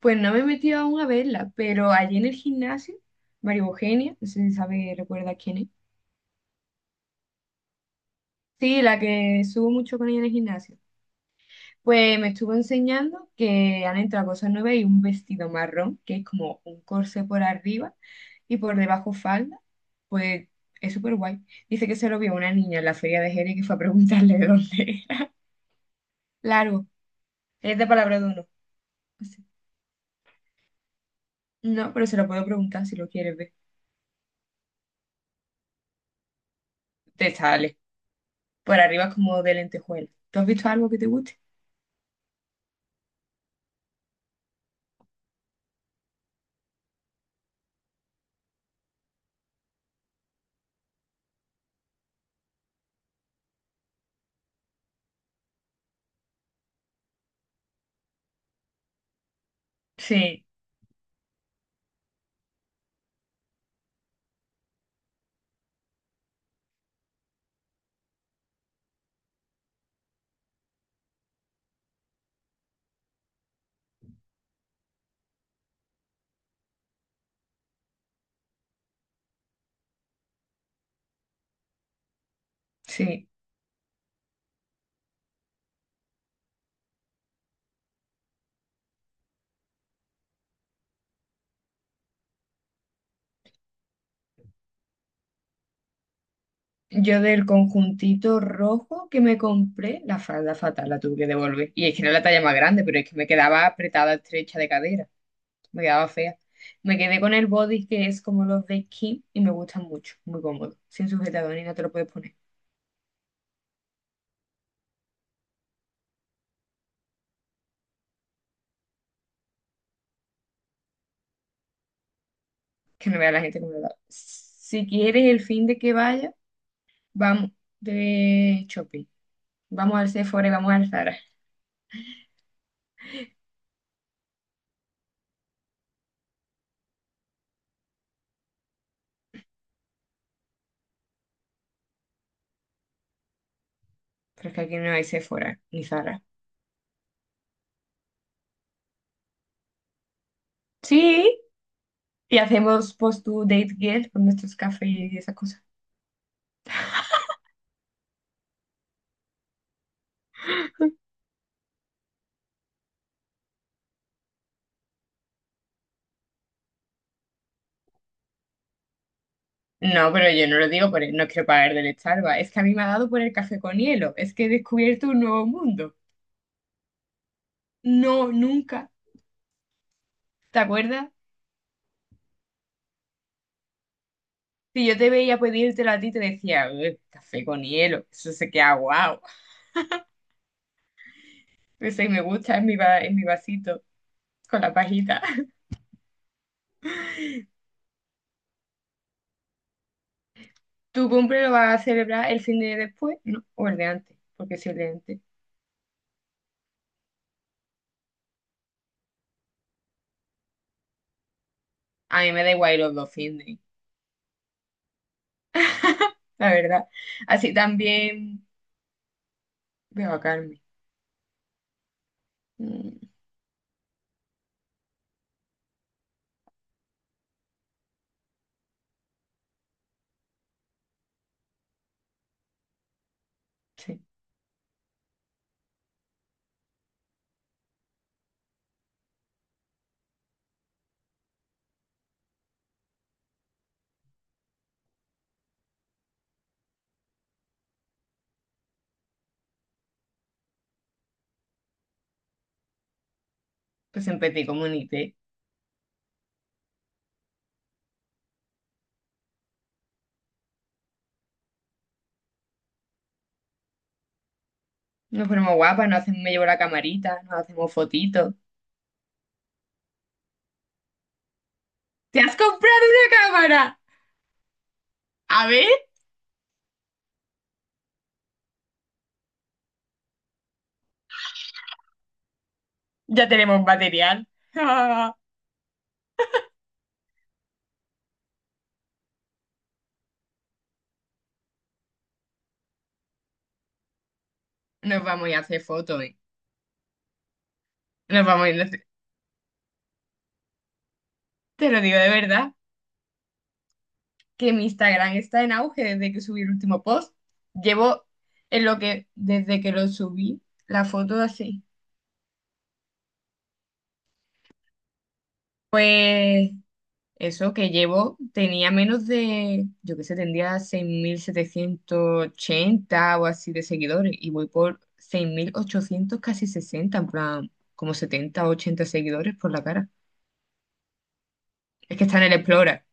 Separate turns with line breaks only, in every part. Pues no me he metido aún a verla, pero allí en el gimnasio, María Eugenia, no sé si sabe, recuerda quién es. Sí, la que subo mucho con ella en el gimnasio. Pues me estuvo enseñando que han entrado cosas nuevas y un vestido marrón, que es como un corsé por arriba y por debajo falda. Pues es súper guay. Dice que se lo vio una niña en la feria de Jerez que fue a preguntarle de dónde era. Largo, es de palabra de uno. Así. No, pero se lo puedo preguntar si lo quieres ver. Te sale. Por arriba como de lentejuela. ¿Tú has visto algo que te guste? Sí, sí. Yo del conjuntito rojo que me compré, la falda fatal la tuve que devolver. Y es que era la talla más grande, pero es que me quedaba apretada, estrecha de cadera. Me quedaba fea. Me quedé con el body, que es como los de Kim, y me gustan mucho, muy cómodo. Sin sujetador ni no te lo puedes poner. Que no vea la gente que me lo da. Si quieres el fin de que vaya, vamos de shopping. Vamos al Sephora y vamos al Zara. Pero es que aquí no hay Sephora ni Zara. Sí. Y hacemos post to date girl con nuestros cafés y esa cosa. No, pero yo no lo digo porque no quiero pagar del Starbucks. Es que a mí me ha dado por el café con hielo. Es que he descubierto un nuevo mundo. No, nunca. ¿Te acuerdas? Si yo te veía pedírtelo a ti, te decía: "Uy, café con hielo. Eso se queda guau". Ese me gusta en mi, en mi vasito, con la pajita. ¿Tu cumple lo vas a celebrar el fin de después? No, o el de antes, porque si el de antes. A mí me da igual los dos fines. La verdad. Así también. Voy a vacarme. Mm, sí, pues siempre te comunité. Nos ponemos guapas, nos hacemos, me llevo la camarita, nos hacemos fotitos. ¿Te has comprado una cámara? A ver, ya tenemos material. Nos vamos a ir a hacer fotos, ¿eh? Nos vamos a ir a hacer... Te lo digo de verdad, que mi Instagram está en auge desde que subí el último post. Llevo en lo que, desde que lo subí, la foto así. Pues eso, que llevo, tenía menos de, yo qué sé, tendría 6.780 o así de seguidores, y voy por 6.800 casi 60, en plan, como 70 o 80 seguidores por la cara. Es que está en el Explorer,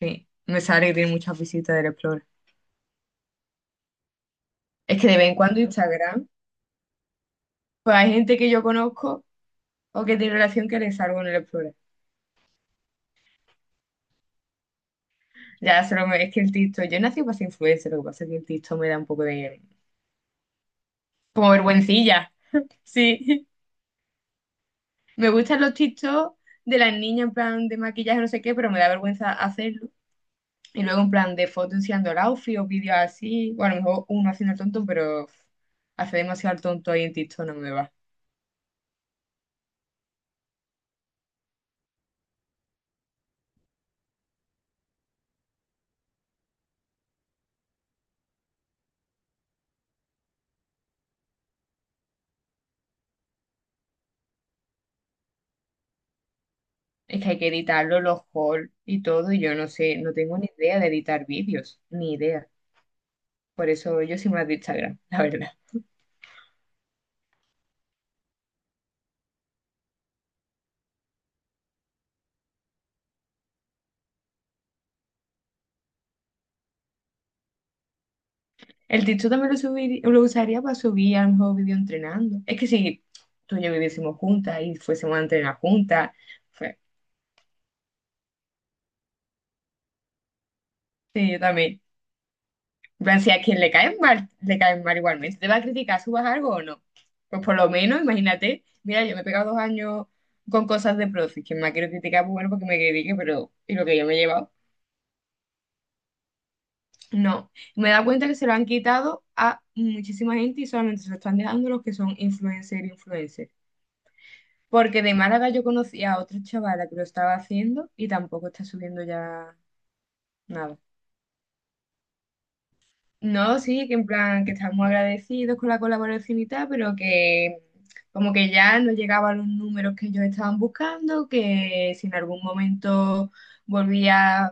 sí. Me sale que tiene muchas visitas del Explorer. Es que de vez en cuando Instagram, pues hay gente que yo conozco o que tiene relación que le salgo en el Explorer. Ya, solo me- es que el TikTok, yo nací para ser influencer, lo que pasa es que el TikTok me da un poco de, como, vergüencilla, sí. Me gustan los TikTok de las niñas en plan de maquillaje, no sé qué, pero me da vergüenza hacerlo. Y luego en plan de fotos enseñando el outfit o vídeos así. Bueno, a lo mejor uno haciendo el tonto, pero uf, hace demasiado el tonto ahí en TikTok, no me va. Es que hay que editarlo, los hauls y todo, y yo no sé, no tengo ni idea de editar vídeos, ni idea. Por eso yo soy más de Instagram, la verdad. El TikTok también lo usaría para subir a lo mejor vídeo entrenando. Es que si tú y yo viviésemos juntas y fuésemos a entrenar juntas, pues, sí, yo también. En plan, si a quien le caen mal igualmente. ¿Te va a criticar, subas algo o no? Pues por lo menos, imagínate, mira, yo me he pegado 2 años con cosas de profes, que me quiero criticar, pues bueno, porque me critique, pero ¿y lo que yo me he llevado? No. Me he dado cuenta que se lo han quitado a muchísima gente y solamente se lo están dejando los que son influencer influencer. Porque de Málaga yo conocí a otra chavala que lo estaba haciendo y tampoco está subiendo ya nada. No, sí, que en plan, que estamos agradecidos con la colaboración y tal, pero que, como que ya no llegaban los números que ellos estaban buscando, que si en algún momento volvía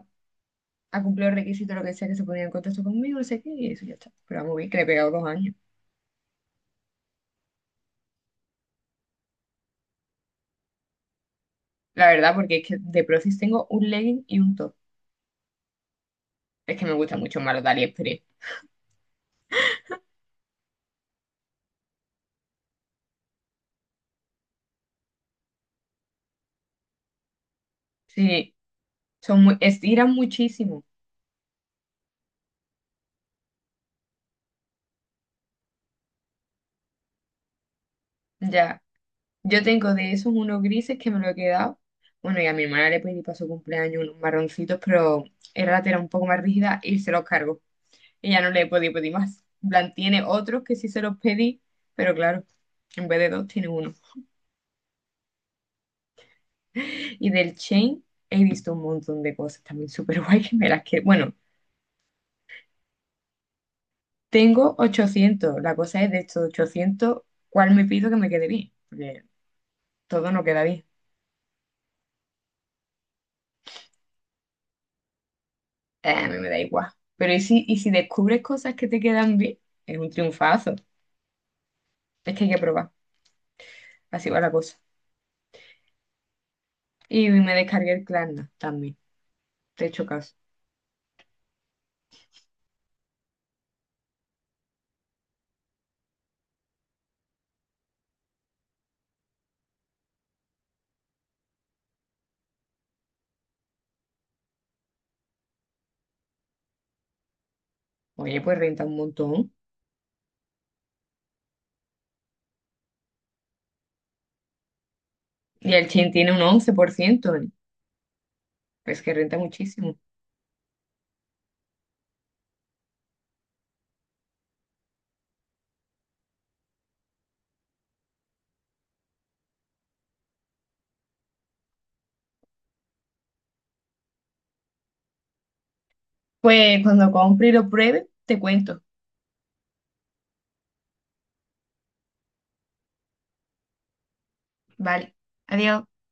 a cumplir los requisitos, lo que sea, que se ponía en contacto conmigo, no sé qué, y eso ya está. Pero vamos bien, que le he pegado 2 años. La verdad, porque es que de Profis tengo un legging y un top. Es que me gusta mucho más los de AliExpress. Sí, son muy, estiran muchísimo, ya. Yo tengo de esos unos grises que me lo he quedado. Bueno, y a mi hermana le pedí para su cumpleaños unos marroncitos, pero era un poco más rígida y se los cargo. Ella, no le he podido pedir más. En plan, tiene otros que sí se los pedí, pero claro, en vez de dos tiene uno. Y del Chain he visto un montón de cosas también súper guay que me las que... Bueno, tengo 800. La cosa es, de estos 800, ¿cuál me pido que me quede bien? Porque todo no queda bien. A mí me da igual. Pero ¿y si descubres cosas que te quedan bien? Es un triunfazo. Es que hay que probar. Así va la cosa. Y me descargué el Klarna también. Te he hecho caso. Oye, pues renta un montón. Y el Chin tiene un 11%, ¿eh? Pues que renta muchísimo. Pues cuando compre y lo pruebe, te cuento. Vale. Adiós.